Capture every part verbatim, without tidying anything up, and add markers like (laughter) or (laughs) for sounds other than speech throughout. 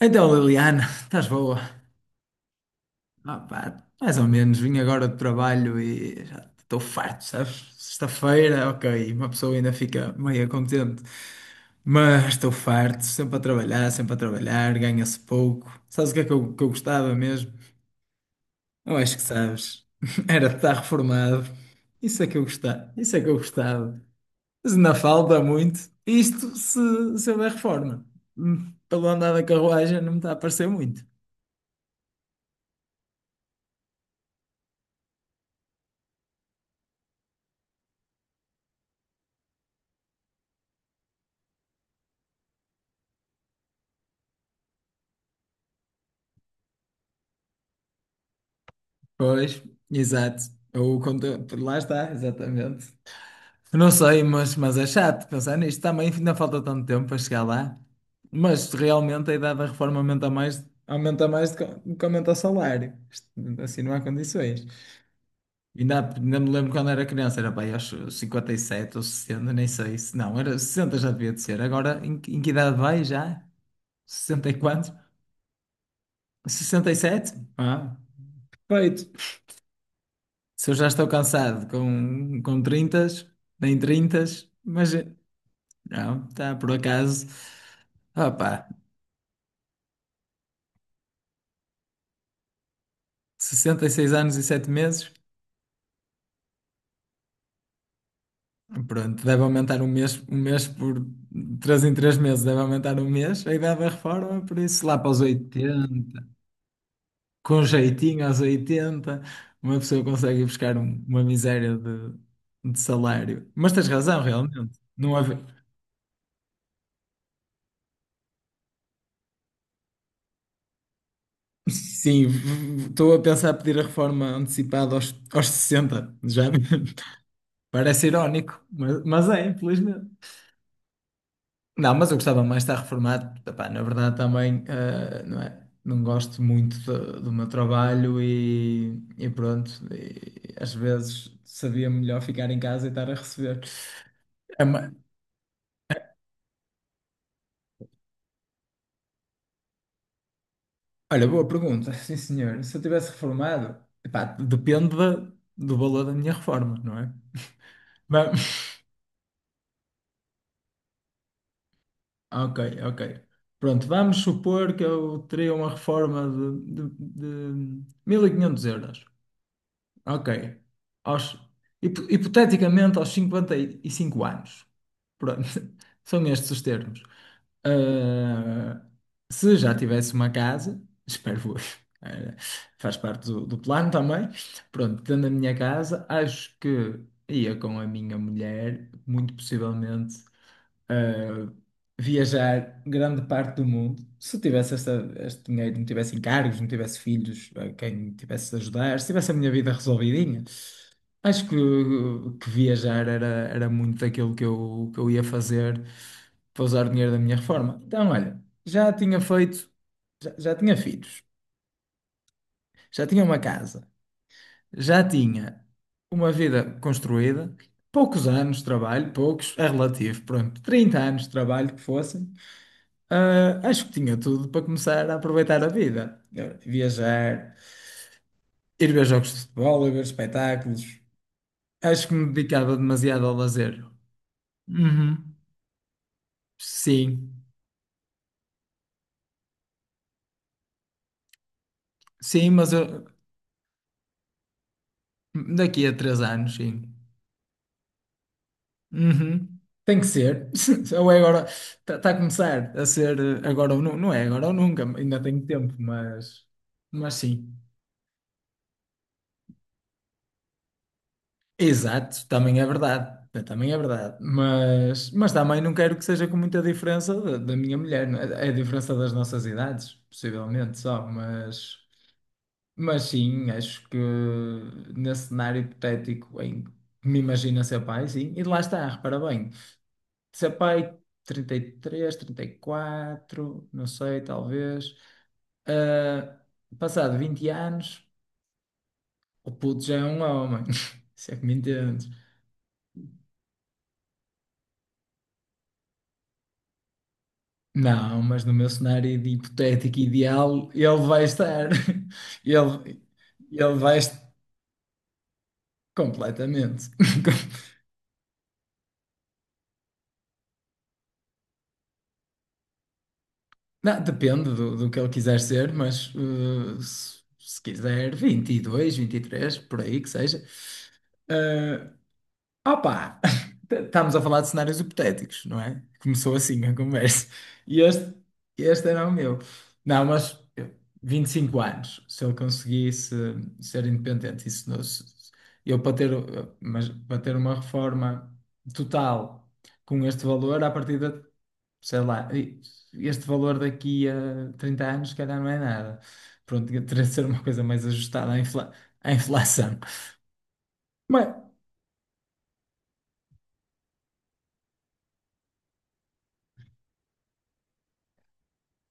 Então, Liliana, estás boa? Ah, pá, mais ou menos, vim agora do trabalho e já estou farto, sabes? Sexta-feira, ok, uma pessoa ainda fica meio contente, mas estou farto, sempre a trabalhar, sempre a trabalhar, ganha-se pouco. Sabes o que é que eu, que eu gostava mesmo? Eu acho que sabes, (laughs) era de estar reformado. Isso é que eu gostava, isso é que eu gostava. Mas ainda falta muito, isto se, se houver reforma. Hum, Pelo andar da carruagem não me está a parecer muito. Pois, exato. O conteúdo, lá está, exatamente. Não sei, mas, mas é chato pensar nisto. Também ainda falta tanto tempo para chegar lá. Mas realmente a idade da reforma aumenta mais, aumenta mais do que do que aumenta o salário. Isto, assim não há condições. Ainda, há- ainda me lembro quando era criança, era bem, aos cinquenta e sete ou sessenta, nem sei se não, era sessenta já devia de ser. Agora em, que em que idade vai já? Sessenta e quatro. Sessenta e sete. Ah, perfeito. Se eu já estou cansado com, com trinta, nem trinta, mas eh, não, está por acaso. Opa, sessenta e seis anos e sete meses. Pronto, deve aumentar um mês, um mês por três em três meses, deve aumentar um mês. A idade da reforma, por isso lá para os oitenta, com um jeitinho aos oitenta, uma pessoa consegue ir buscar um- uma miséria de, de salário. Mas tens razão, realmente. Não, houve- Sim, estou a pensar pedir a reforma antecipada aos, aos sessenta já, (laughs) parece irónico, mas, mas é, infelizmente. Não, mas eu gostava mais de estar reformado. Epá, na verdade, também eh, não é? Não gosto muito do, do meu trabalho e, e pronto, e às vezes sabia melhor ficar em casa e estar a receber. É uma- Olha, boa pergunta, (laughs) sim senhor. Se eu tivesse reformado, epá, depende da- do valor da minha reforma, não é? Ok, ok. Pronto, vamos supor que eu teria uma reforma de, de, de mil e quinhentos euros. Ok. Aos, hipo- hipoteticamente aos cinquenta e cinco anos. Pronto, (laughs) são estes os termos. Ah, se já tivesse uma casa, espero, eu, (laughs) eh, faz parte do, do plano também. Pronto, tendo a minha casa, acho que ia com a minha mulher, muito possivelmente eh, viajar grande parte do mundo. Se tivesse esta, este dinheiro, não tivesse encargos, não tivesse filhos a quem tivesse de ajudar, se tivesse a minha vida resolvidinha, acho que, que viajar era, era muito daquilo que eu, que eu ia fazer para usar o dinheiro da minha reforma. Então, olha, já tinha feito, já, já tinha filhos, já tinha uma casa, já tinha uma vida construída. Poucos anos de trabalho, poucos, é relativo, pronto, trinta anos de trabalho que fossem. Ah, acho que tinha tudo para começar a aproveitar a vida. Eu- Viajar, ir ver jogos de futebol, ir ver espetáculos. Acho que me dedicava demasiado ao lazer. Uhum. Sim, sim, mas eu- daqui a três anos, sim. Uhum. Tem que ser. (laughs) Ou é agora, está a começar a ser eh, agora ou nu- não, é agora ou nunca, ainda tenho tempo, mas, mas sim. Exato, também é verdade. Também é verdade. Mas, mas também não quero que seja com muita diferença da, da minha mulher. Não, É É a diferença das nossas idades, possivelmente só. Mas, mas sim, acho que nesse cenário hipotético em que me imagino a ser pai, sim. E lá está, repara bem. Ser pai, trinta, trinta e três, trinta e quatro, não sei, talvez. Ah, passado vinte anos, o puto já é um homem. (laughs) Se é que me entendes. Não, mas no meu cenário de hipotético ideal, ele vai estar. (laughs) Ele, ele vai estar completamente. (laughs) Não, depende do, do que ele quiser ser, mas eh, se, se quiser vinte e dois, vinte e três, por aí que seja. eh, Opa! (laughs) Estamos a falar de cenários hipotéticos, não é? Começou assim a conversa. E este, este era o meu. Não, mas eu- vinte e cinco anos, se eu conseguisse ser independente, isso não, se- se- eu para ter, mas para ter uma reforma total com este valor, à partida, sei lá, e- este valor daqui a trinta anos, se calhar não é nada. Pronto, teria de ser uma coisa mais ajustada à infla- à inflação.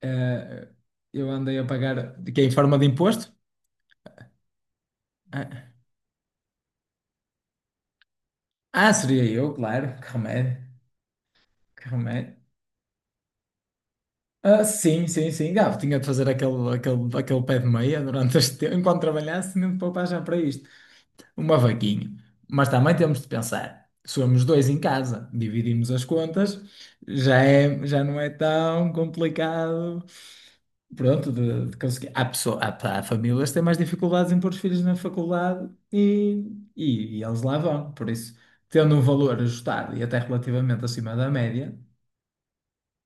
eh, eu andei a pagar de que é em forma de imposto? Ah, ah, seria eu, claro. Que remédio. Que remédio. Ah, sim, sim, sim. Gabo, tinha de fazer aquele, aquele, aquele pé de meia durante este tempo, enquanto trabalhasse, tinha de poupar já para isto. Uma vaquinha. Mas também temos de pensar. Somos dois em casa, dividimos as contas, já é, já não é tão complicado. Pronto, de, de conseguir. Há, pessoa, há, há famílias que têm mais dificuldades em pôr os filhos na faculdade e, e, e eles lá vão. Por isso, tendo um valor ajustado e até relativamente acima da média,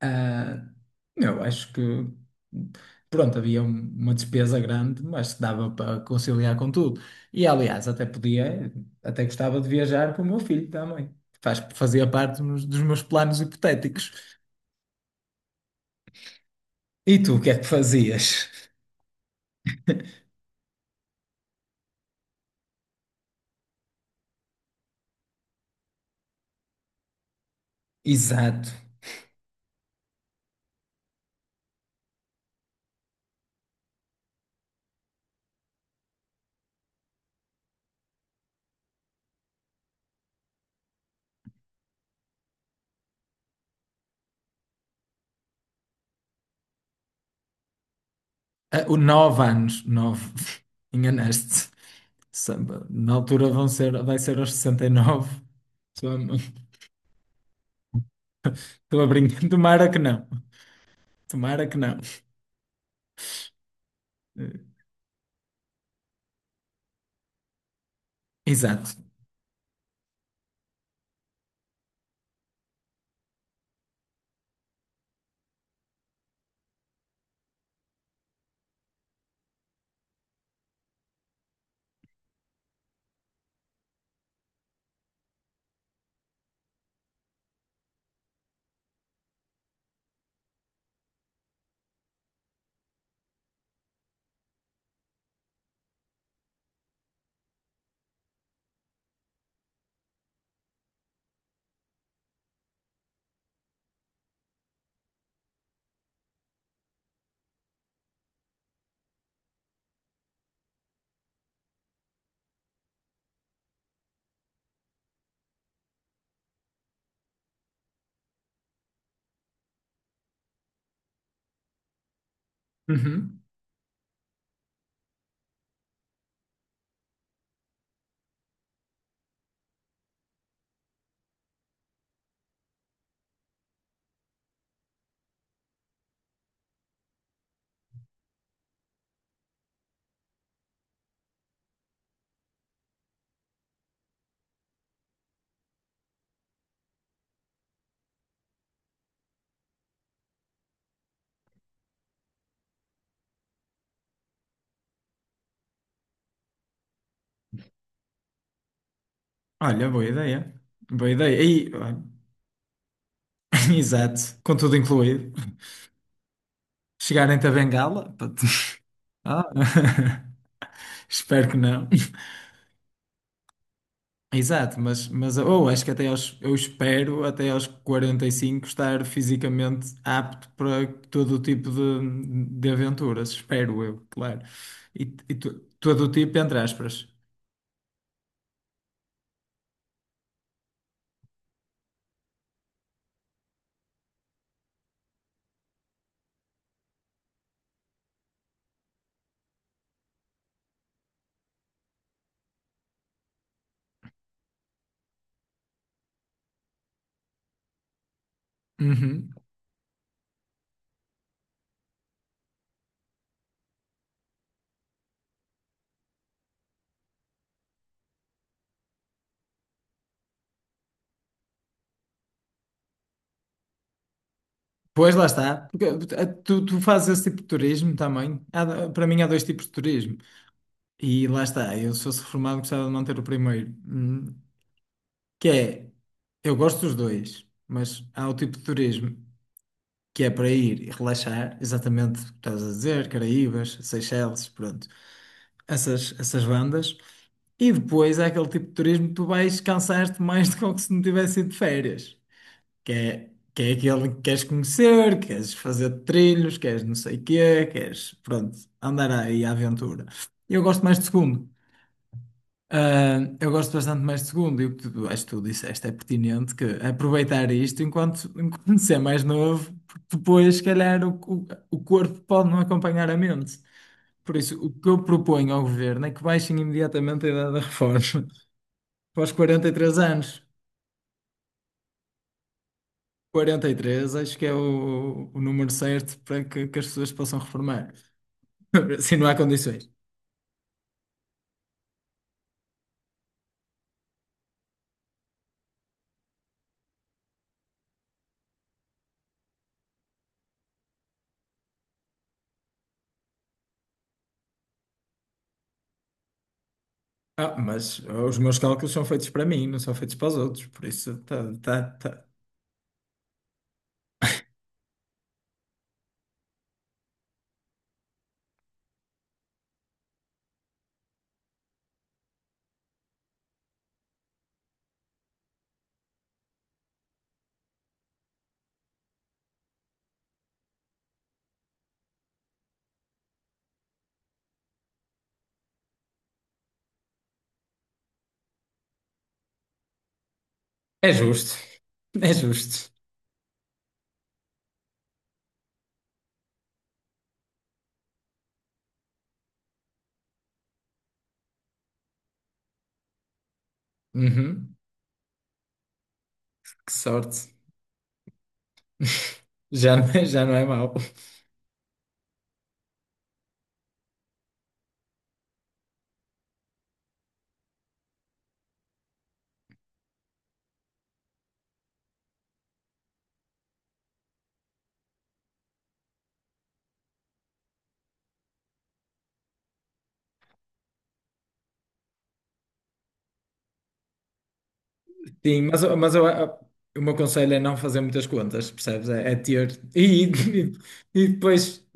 ah, eu acho que, pronto, havia um- uma despesa grande, mas que dava para conciliar com tudo. E, aliás, até podia, até gostava de viajar com o meu filho também. Faz, fazia parte dos dos meus planos hipotéticos. E tu, o que é que fazias? Exato. Ah, o nove anos, nove, (laughs) enganaste-te. Samba. Na altura vão ser, vai ser aos sessenta e nove. Estou a, estou a brincar. (laughs) Tomara que não. Tomara que não. Eh, Exato. Uhum. Olha, boa ideia. Boa ideia. E, olha, (laughs) exato. Com tudo incluído. Chegarem-te a bengala? para te- (laughs) Ah. (laughs) Espero que não. Exato, mas, mas ou acho que até aos, eu espero até aos quarenta e cinco estar fisicamente apto para todo o tipo de, de aventuras, espero eu, claro. E, e to- todo o tipo, entre aspas. Uhum. Pois lá está. Porque, eh, tu, tu fazes esse tipo de turismo também. Há do- para mim há dois tipos de turismo. E lá está, eu se fosse reformado gostava de manter o primeiro. Hum, Que é, eu gosto dos dois, mas há o tipo de turismo, que é para ir e relaxar, exatamente o que estás a dizer, Caraíbas, Seychelles, pronto, essas, essas bandas. E depois é aquele tipo de turismo que tu vais cansar-te mais do que como se não tivesse ido de férias, que é, que é aquele que queres conhecer, queres fazer trilhos, queres não sei o quê, queres, pronto, andar aí à aventura. Eu gosto mais do segundo. Ah, eu gosto bastante mais de segundo, e o que tu, acho que tu disseste é pertinente, que aproveitar isto enquanto, (laughs) enquanto se é mais novo, porque depois, se calhar, o, o, o corpo pode não acompanhar a mente. Por isso, o que eu proponho ao governo é que baixem imediatamente a idade da reforma (laughs) para os quarenta e três anos. Quarenta e três, acho que é o, o número certo para que, que as pessoas possam reformar. (laughs) Se não há condições. Ah, mas os meus cálculos são feitos para mim, não são feitos para os outros, por isso tá, tá, tá. É justo, é justo. Uhum. Que sorte. (laughs) Já não é, já não é mau. Sim, mas, eu- mas eu, o meu conselho é não fazer muitas contas, percebes? É, é ter. E, e, e depois,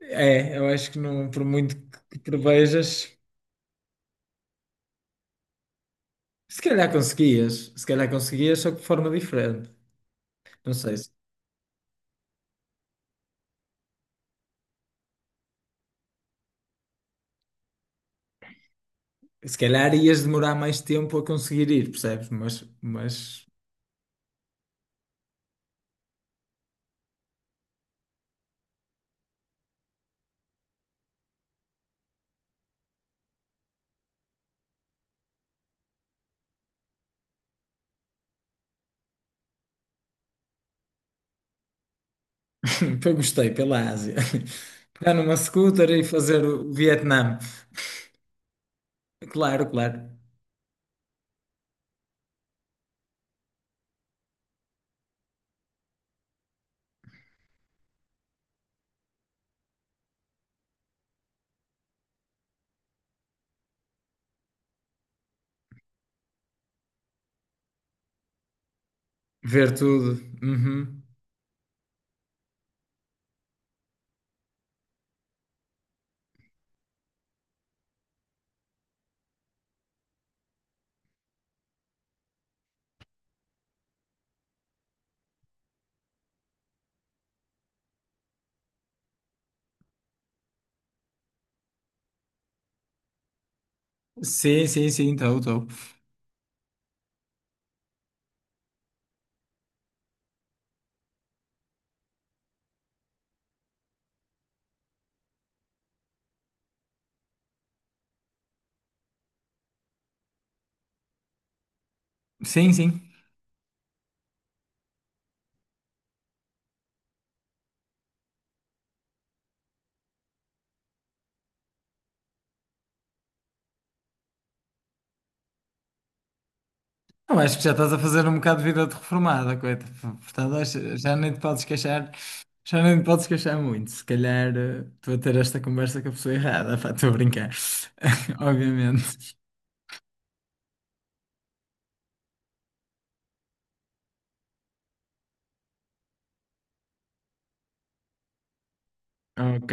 é, eu acho que não, por muito que prevejas, se calhar conseguias, se calhar conseguias, só que de forma diferente. Não sei, se, se calhar ias demorar mais tempo a conseguir ir, percebes? Mas, mas (laughs) eu gostei pela Ásia. (laughs) Pegar numa scooter e fazer o Vietnã. Claro, claro. Ver tudo. Uhum. Sim, sim, sim, estou, estou. Sim, sim. Não, acho que já estás a fazer um bocado de vida de reformada, coita. Portanto, acho- já nem te podes queixar, já nem te podes queixar muito. Se calhar eh, estou a ter esta conversa com a pessoa errada, pá, estou a brincar. (laughs) Obviamente. Ok,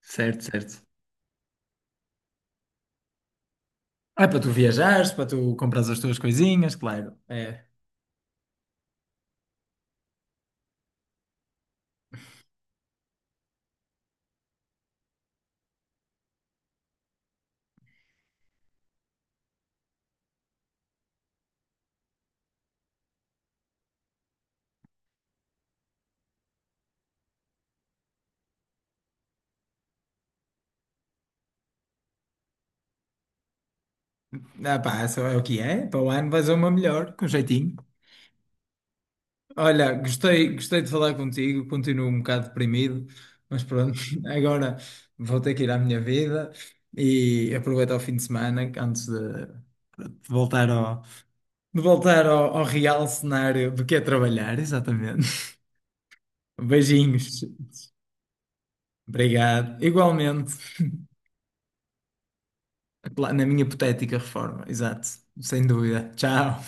certo, certo. É para tu viajares, para tu comprares as tuas coisinhas, claro. É. Ah, pá, só é o que é. Para o ano vais a uma melhor, com jeitinho. Olha, gostei, gostei de falar contigo, continuo um bocado deprimido, mas pronto, (laughs) agora vou ter que ir à minha vida e aproveitar o fim de semana antes de, de voltar ao, de voltar ao, ao real cenário do que é trabalhar, exatamente. (laughs) Beijinhos. Obrigado. Igualmente, (laughs) na minha hipotética reforma, exato, sem dúvida. Tchau.